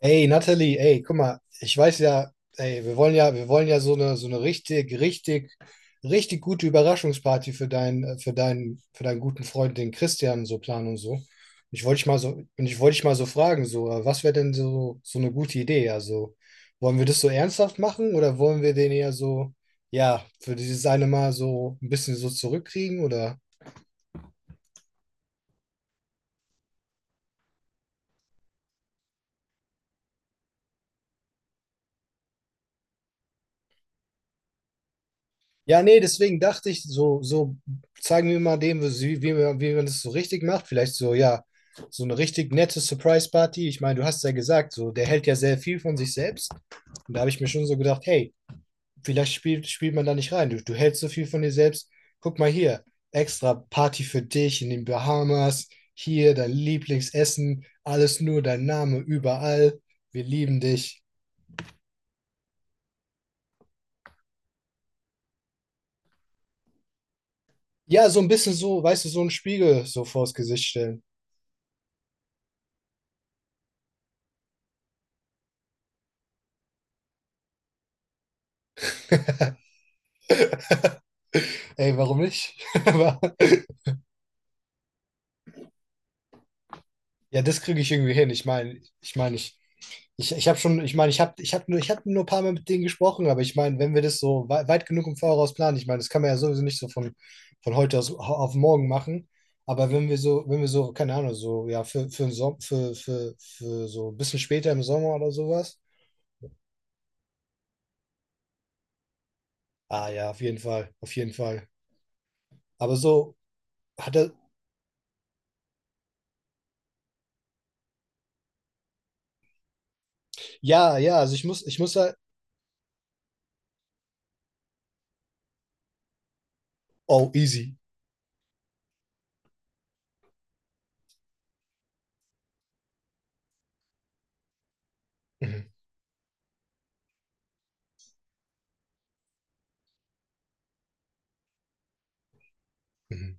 Ey, Natalie, ey, guck mal, ich weiß ja, ey, wir wollen ja so eine, so eine richtig gute Überraschungsparty für deinen guten Freund, den Christian, so planen und so. Ich wollte dich mal so, und ich wollte dich mal so fragen, so, was wäre denn so, so eine gute Idee? Also, wollen wir das so ernsthaft machen oder wollen wir den eher so, ja, für dieses eine Mal so ein bisschen so zurückkriegen oder? Ja, nee, deswegen dachte ich, so, so zeigen wir mal dem, wie man das so richtig macht. Vielleicht so, ja, so eine richtig nette Surprise-Party. Ich meine, du hast ja gesagt, so, der hält ja sehr viel von sich selbst. Und da habe ich mir schon so gedacht, hey, vielleicht spielt man da nicht rein. Du hältst so viel von dir selbst. Guck mal hier, extra Party für dich in den Bahamas. Hier dein Lieblingsessen. Alles nur dein Name überall. Wir lieben dich. Ja, so ein bisschen so, weißt du, so einen Spiegel so vors Gesicht stellen. Ey, warum nicht? Aber, ja, das kriege ich irgendwie hin. Ich meine, ich habe schon, ich meine, ich habe nur ein paar Mal mit denen gesprochen, aber ich meine, wenn wir das so weit genug im Voraus planen, ich meine, das kann man ja sowieso nicht so von heute aus, auf morgen machen. Aber wenn wir so, keine Ahnung, so, ja, für, den Som- für so ein bisschen später im Sommer oder sowas. Ah ja, auf jeden Fall, auf jeden Fall. Aber so hat er, ja, ja, also ich muss halt, oh, easy. Mhm, mhm.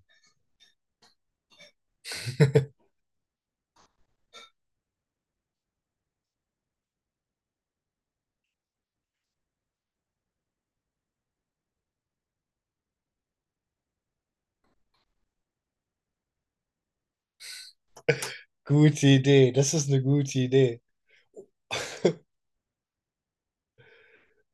Gute Idee, das ist eine gute Idee.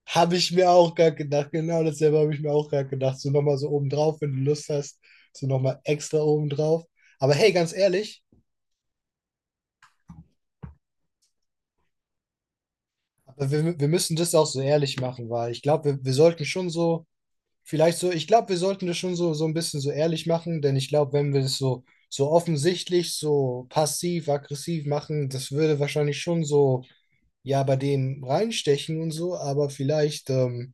Habe ich mir auch gerade gedacht, genau dasselbe habe ich mir auch gerade gedacht. So nochmal so obendrauf, wenn du Lust hast, so nochmal extra obendrauf. Aber hey, ganz ehrlich, aber wir müssen das auch so ehrlich machen, weil ich glaube, wir sollten schon so, vielleicht so, ich glaube, wir sollten das schon so, so ein bisschen so ehrlich machen, denn ich glaube, wenn wir das so, so offensichtlich, so passiv, aggressiv machen, das würde wahrscheinlich schon so, ja, bei denen reinstechen und so, aber vielleicht,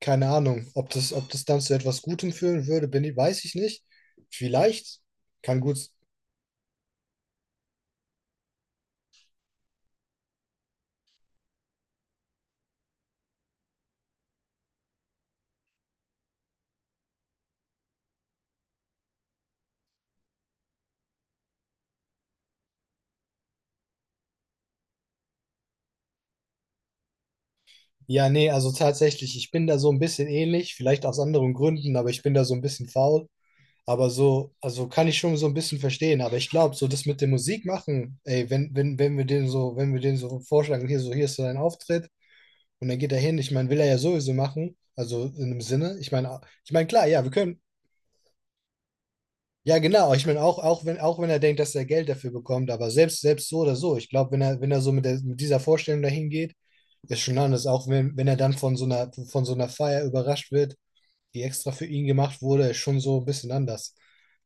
keine Ahnung, ob das dann zu etwas Gutem führen würde, bin ich, weiß ich nicht. Vielleicht, kann gut. Ja, nee, also tatsächlich, ich bin da so ein bisschen ähnlich, vielleicht aus anderen Gründen, aber ich bin da so ein bisschen faul. Aber so, also kann ich schon so ein bisschen verstehen. Aber ich glaube, so das mit der Musik machen, ey, wenn wir den so vorschlagen, hier so, hier ist so dein Auftritt und dann geht er hin, ich meine, will er ja sowieso machen. Also in dem Sinne, ich meine, klar, ja, wir können, ja, genau. Ich meine, auch wenn er denkt, dass er Geld dafür bekommt, aber selbst, selbst so oder so, ich glaube, wenn er, wenn er so mit, der, mit dieser Vorstellung dahin geht, ist schon anders. Auch wenn, wenn er dann von so einer Feier überrascht wird, die extra für ihn gemacht wurde, ist schon so ein bisschen anders.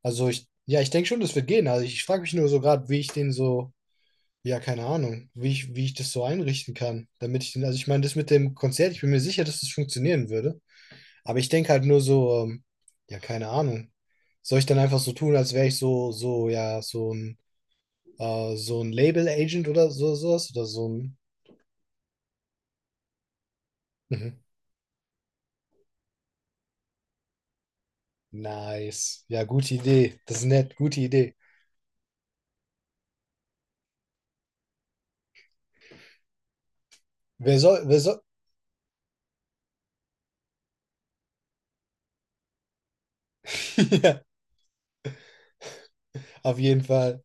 Also ich, ja, ich denke schon, das wird gehen. Also ich frage mich nur so gerade, wie ich den so, ja, keine Ahnung, wie ich das so einrichten kann, damit ich den, also ich meine, das mit dem Konzert, ich bin mir sicher, dass das funktionieren würde. Aber ich denke halt nur so, ja, keine Ahnung. Soll ich dann einfach so tun, als wäre ich so, so, ja, so ein Label-Agent oder so, sowas? Oder so ein. Mhm. Nice. Ja, gute Idee. Das ist nett, gute Idee. Wer soll, wer soll. Ja, auf jeden Fall.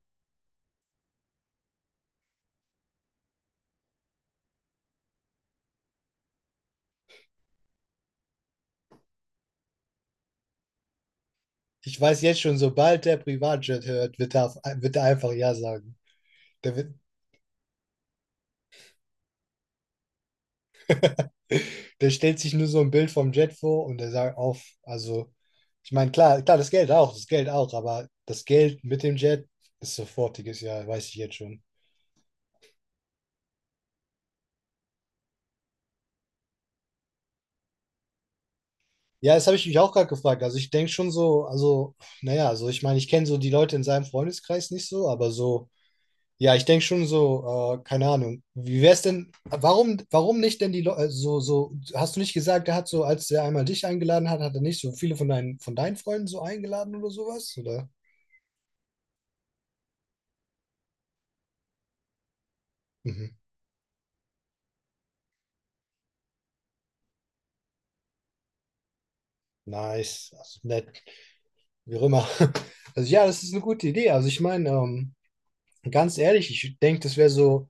Ich weiß jetzt schon, sobald der Privatjet hört, wird er, auf, wird er einfach Ja sagen. Der wird, der stellt sich nur so ein Bild vom Jet vor und der sagt auf, also, ich meine, klar, klar, das Geld auch, aber das Geld mit dem Jet ist sofortiges, ja, weiß ich jetzt schon. Ja, das habe ich mich auch gerade gefragt. Also ich denke schon so, also, naja, also ich meine, ich kenne so die Leute in seinem Freundeskreis nicht so, aber so, ja, ich denke schon so, keine Ahnung. Wie wäre es denn, warum nicht denn die Leute, so, so, hast du nicht gesagt, er hat so, als er einmal dich eingeladen hat, hat er nicht so viele von von deinen Freunden so eingeladen oder sowas? Oder? Mhm. Nice, also nett, wie auch immer. Also ja, das ist eine gute Idee. Also ich meine, ganz ehrlich, ich denke, das wäre so,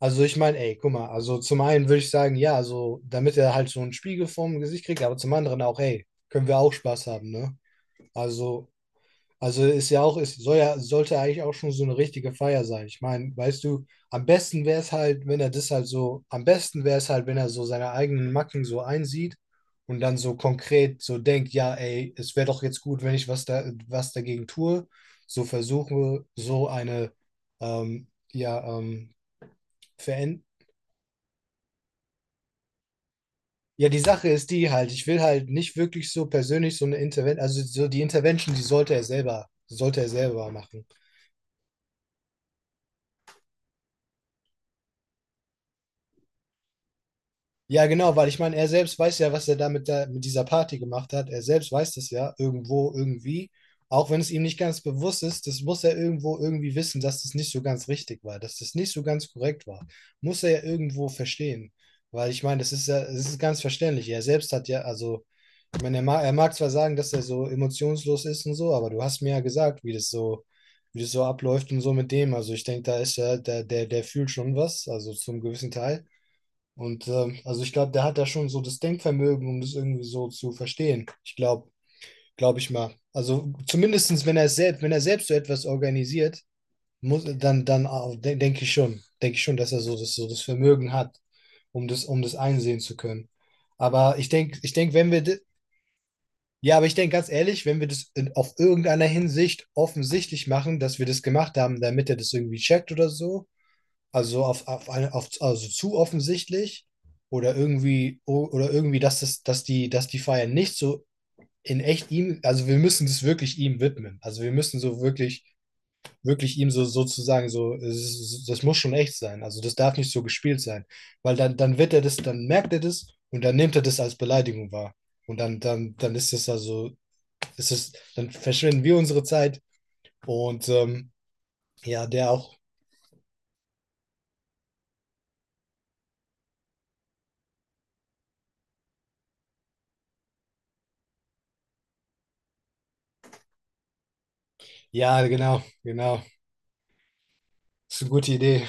also ich meine, ey, guck mal, also zum einen würde ich sagen, ja, also damit er halt so einen Spiegel vorm Gesicht kriegt, aber zum anderen auch, ey, können wir auch Spaß haben, ne? Also also ist ja auch, ist, soll ja, sollte eigentlich auch schon so eine richtige Feier sein. Ich meine, weißt du, am besten wäre es halt, wenn er das halt so, am besten wäre es halt, wenn er so seine eigenen Macken so einsieht und dann so konkret so denkt, ja, ey, es wäre doch jetzt gut, wenn ich was da, was dagegen tue, so versuche, so eine, ähm, ja, ähm, verändern. Ja, die Sache ist die halt, ich will halt nicht wirklich so persönlich so eine Intervention, also so die Intervention, die sollte er selber machen. Ja, genau, weil ich meine, er selbst weiß ja, was er da mit, der, mit dieser Party gemacht hat. Er selbst weiß das ja irgendwo, irgendwie. Auch wenn es ihm nicht ganz bewusst ist, das muss er irgendwo irgendwie wissen, dass das nicht so ganz richtig war, dass das nicht so ganz korrekt war. Muss er ja irgendwo verstehen. Weil ich meine, das ist ja, das ist ganz verständlich. Er selbst hat ja, also, ich meine, er mag zwar sagen, dass er so emotionslos ist und so, aber du hast mir ja gesagt, wie das so abläuft und so mit dem. Also ich denke, da ist ja, der fühlt schon was, also zum gewissen Teil. Und also ich glaube, der hat da schon so das Denkvermögen, um das irgendwie so zu verstehen. Glaube ich mal. Also zumindestens, wenn er selbst so etwas organisiert, muss, dann, dann auch, de denke ich schon, dass er so das Vermögen hat, um das einsehen zu können. Aber ich denke, wenn wir, ja, aber ich denke ganz ehrlich, wenn wir das in, auf irgendeiner Hinsicht offensichtlich machen, dass wir das gemacht haben, damit er das irgendwie checkt oder so, also auf eine, auf, also zu offensichtlich oder irgendwie, oder irgendwie, dass das, dass die Feier nicht so in echt ihm, also wir müssen das wirklich ihm widmen. Also wir müssen so wirklich, wirklich ihm so sozusagen so, es ist- das muss schon echt sein. Also das darf nicht so gespielt sein. Weil dann, dann wird er das, dann merkt er das und dann nimmt er das als Beleidigung wahr. Und dann ist es also, ist es, dann verschwenden wir unsere Zeit und ja, der auch. Ja, genau, genau. Ist eine gute Idee.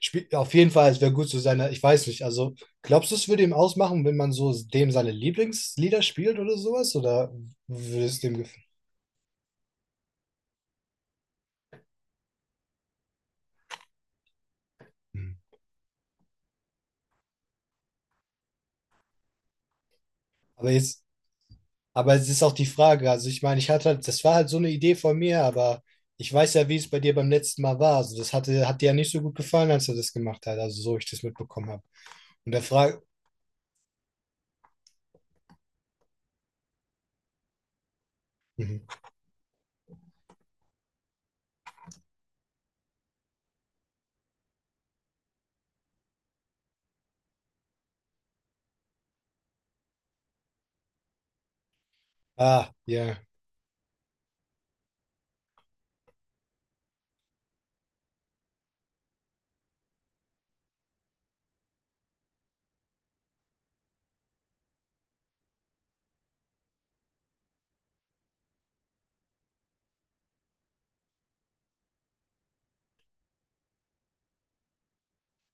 Spiel, auf jeden Fall, es wäre gut zu seiner, ich weiß nicht, also glaubst du, es würde ihm ausmachen, wenn man so dem seine Lieblingslieder spielt oder sowas? Oder würde es dem gefallen? Hm. Aber jetzt, aber es ist auch die Frage, also ich meine, ich hatte halt, das war halt so eine Idee von mir, aber ich weiß ja, wie es bei dir beim letzten Mal war. Also das hatte, hat dir ja nicht so gut gefallen, als du das gemacht hast, also so ich das mitbekommen habe. Und der Frage, mhm. Ah, ja,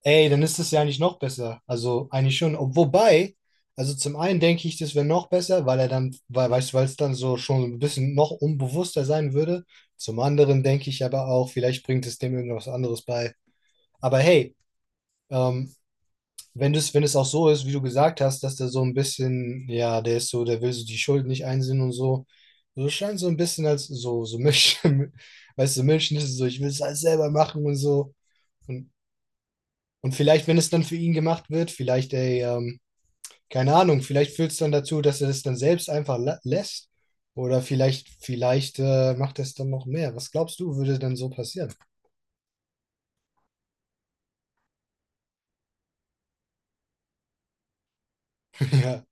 ey, dann ist es ja eigentlich noch besser. Also eigentlich schon. Ob- wobei, also zum einen denke ich, das wäre noch besser, weil er dann, weil, weißt du, weil es dann so schon ein bisschen noch unbewusster sein würde. Zum anderen denke ich aber auch, vielleicht bringt es dem irgendwas anderes bei. Aber hey, ähm, wenn das, wenn es auch so ist, wie du gesagt hast, dass der so ein bisschen, ja, der ist so, der will so die Schuld nicht einsehen und so. So scheint so ein bisschen als so, so Milch, weißt du, Milch ist es so, ich will es alles selber machen und so. Und und vielleicht, wenn es dann für ihn gemacht wird, vielleicht, ey, keine Ahnung, vielleicht führt es dann dazu, dass er es dann selbst einfach lässt. Oder vielleicht, vielleicht macht er es dann noch mehr. Was glaubst du, würde denn so passieren? Ja.